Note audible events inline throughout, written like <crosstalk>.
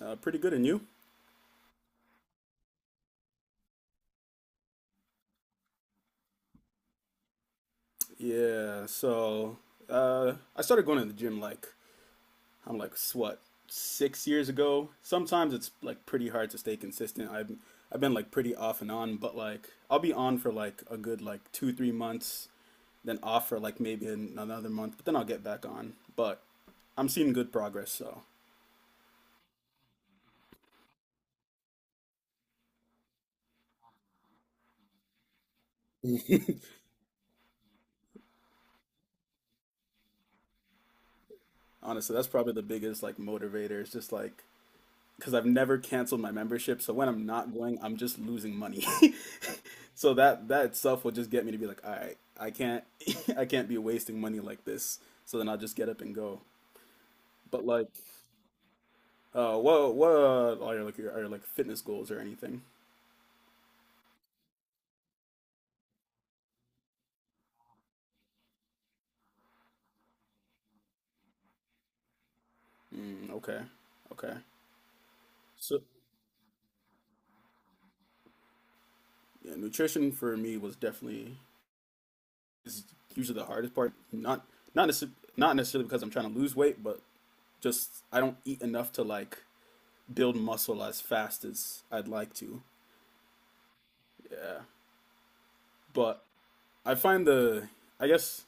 Pretty good, and you? Yeah. So I started going to the gym, like, I'm like, what, 6 years ago. Sometimes it's like pretty hard to stay consistent. I've been like pretty off and on, but like I'll be on for like a good like 2 3 months, then off for like maybe another month, but then I'll get back on. But I'm seeing good progress, so honestly, that's probably the biggest like motivator. It's just like, because I've never canceled my membership. So when I'm not going, I'm just losing money. <laughs> So that itself will just get me to be like, all right, I can't <laughs> I can't be wasting money like this. So then I'll just get up and go. But like, what are your like are your like fitness goals or anything? Mm, okay, okay. So yeah, nutrition for me was definitely is usually the hardest part. Not necessarily because I'm trying to lose weight, but just I don't eat enough to like build muscle as fast as I'd like to. Yeah, but I find the I guess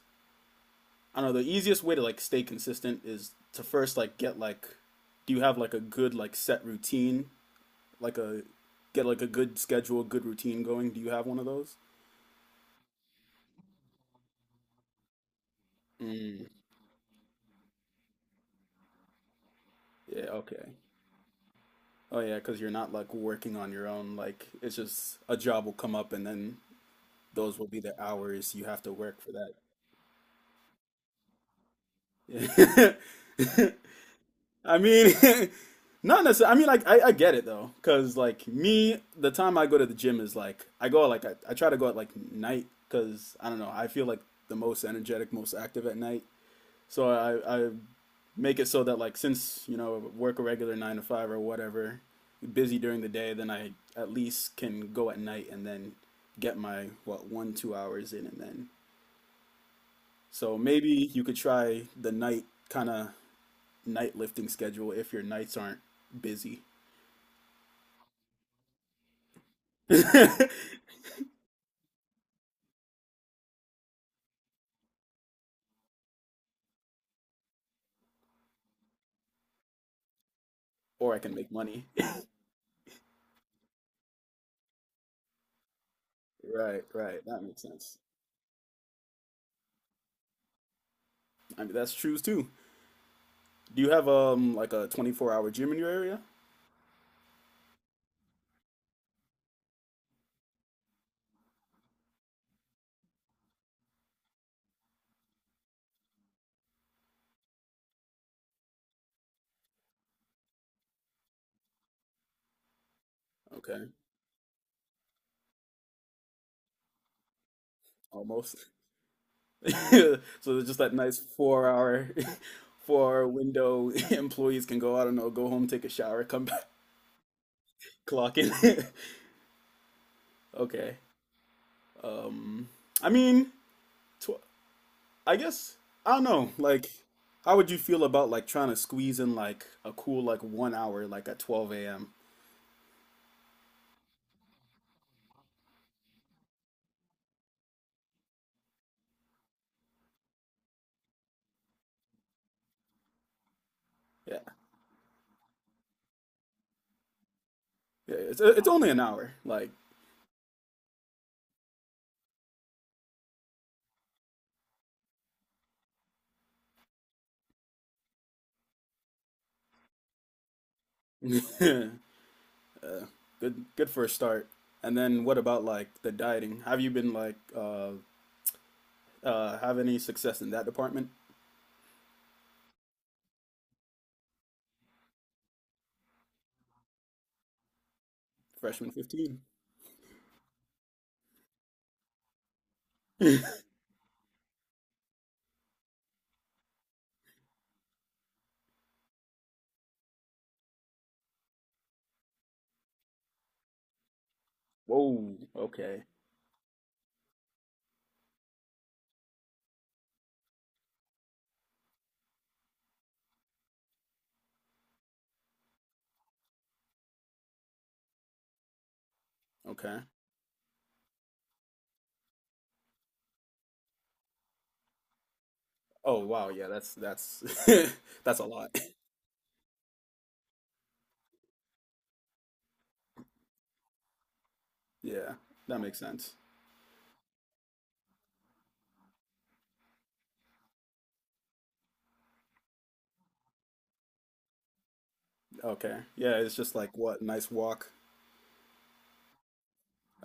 I don't know, the easiest way to like stay consistent is to first like get like do you have like a good like set routine, like a get like a good schedule, good routine going? Do you have one of those? Mm. Yeah, okay. Oh yeah, because you're not like working on your own, like it's just a job will come up and then those will be the hours you have to work for. That. Yeah. <laughs> I mean, <laughs> not necessarily. I mean, like, I get it though, because like me, the time I go to the gym is like I go, like, I try to go at like night because I don't know. I feel like the most energetic, most active at night. So I make it so that, like, since you know work a regular nine to five or whatever, busy during the day, then I at least can go at night and then get my, what, 1 2 hours in and then. So maybe you could try the night, kind of, night lifting schedule if your nights aren't busy. <laughs> Or I can make money. Right, right. That makes sense. I mean, that's true too. Do you have like a 24-hour gym in your area? Okay, almost. <laughs> So there's just that nice 4 hour <laughs> 4 hour window <laughs> employees can go, I don't know, go home, take a shower, come back, <laughs> clock in. <laughs> Okay. Um I mean, tw I guess I don't know, like, how would you feel about like trying to squeeze in like a cool like 1 hour like at 12 a.m.? Yeah, it's only an hour. Like, <laughs> uh, good for a start. And then what about like the dieting? Have you been like have any success in that department? Freshman 15. <laughs> Whoa, okay. Okay. Oh wow, yeah, that's <laughs> that's a lot. Yeah, that makes sense. Okay. Yeah, it's just like, what, nice walk.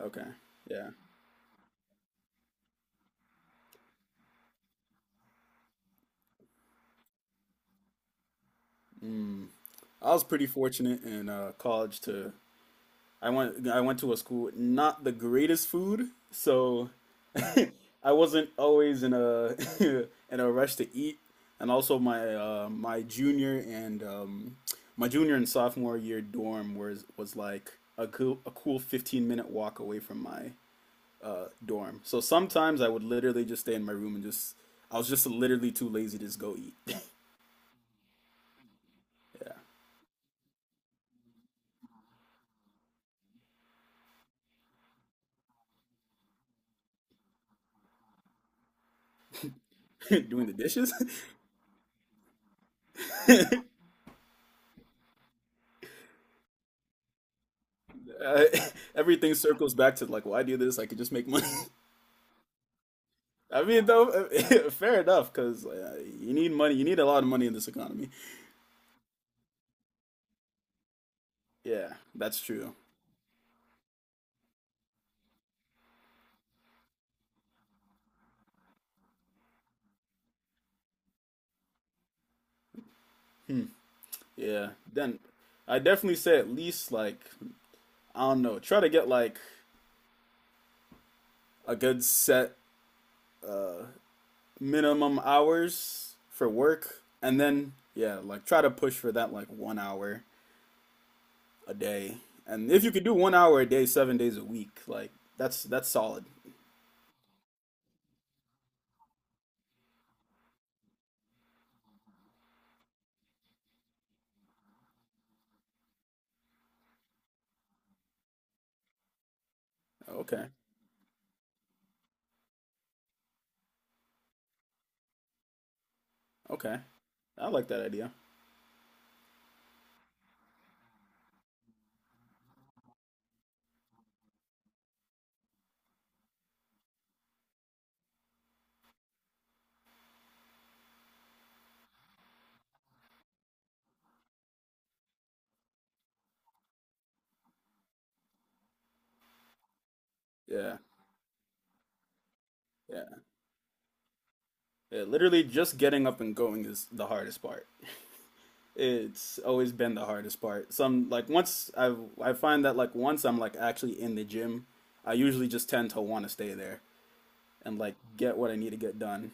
Okay. Yeah. Mm. I was pretty fortunate in college. To I went to a school with not the greatest food, so <laughs> I wasn't always in a <laughs> in a rush to eat, and also my junior and sophomore year dorm was like a cool 15 minute walk away from my dorm. So sometimes I would literally just stay in my room and just I was just literally too lazy to just go eat. <laughs> Yeah, <laughs> doing the dishes. <laughs> Uh, Everything circles back to, like, why do this? I could just make money. <laughs> I mean, though, <laughs> fair enough, because you need money. You need a lot of money in this economy. Yeah, that's true. Hmm. Yeah. Then I definitely say at least, like, I don't know, try to get like a good set uh minimum hours for work, and then, yeah, like try to push for that like 1 hour a day. And if you could do 1 hour a day 7 days a week, like that's solid. Okay. Okay. I like that idea. Yeah. Yeah. Yeah, literally just getting up and going is the hardest part. It's always been the hardest part. Some like once I find that, like, once I'm like actually in the gym, I usually just tend to want to stay there and like get what I need to get done.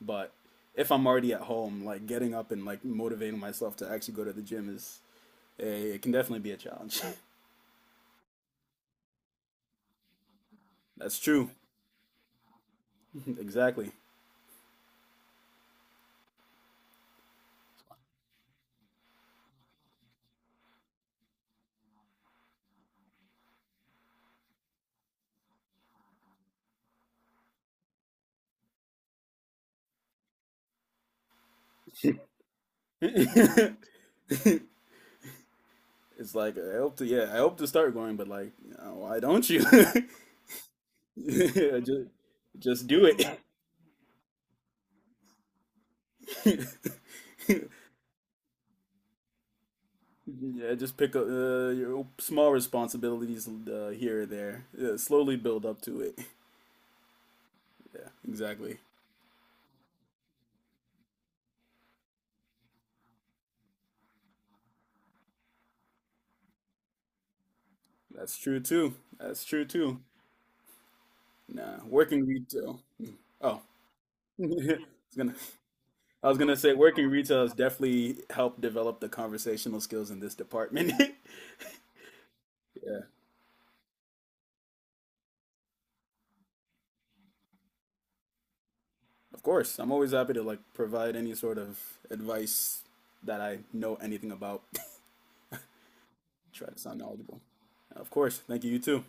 But if I'm already at home, like getting up and like motivating myself to actually go to the gym is it can definitely be a challenge. <laughs> That's true. <laughs> Exactly. <laughs> it's like I hope to Yeah, I hope to start going, but, like, you know, why don't you? <laughs> just just do it. <laughs> Yeah, just pick up your small responsibilities here or there. Yeah, slowly build up to it. <laughs> Yeah, exactly. That's true too. That's true too. Nah, working retail. Oh, <laughs> I was gonna, I was gonna say working retail has definitely helped develop the conversational skills in this department. <laughs> Yeah, of course. I'm always happy to like provide any sort of advice that I know anything about. <laughs> Try to sound knowledgeable. Of course. Thank you. You too.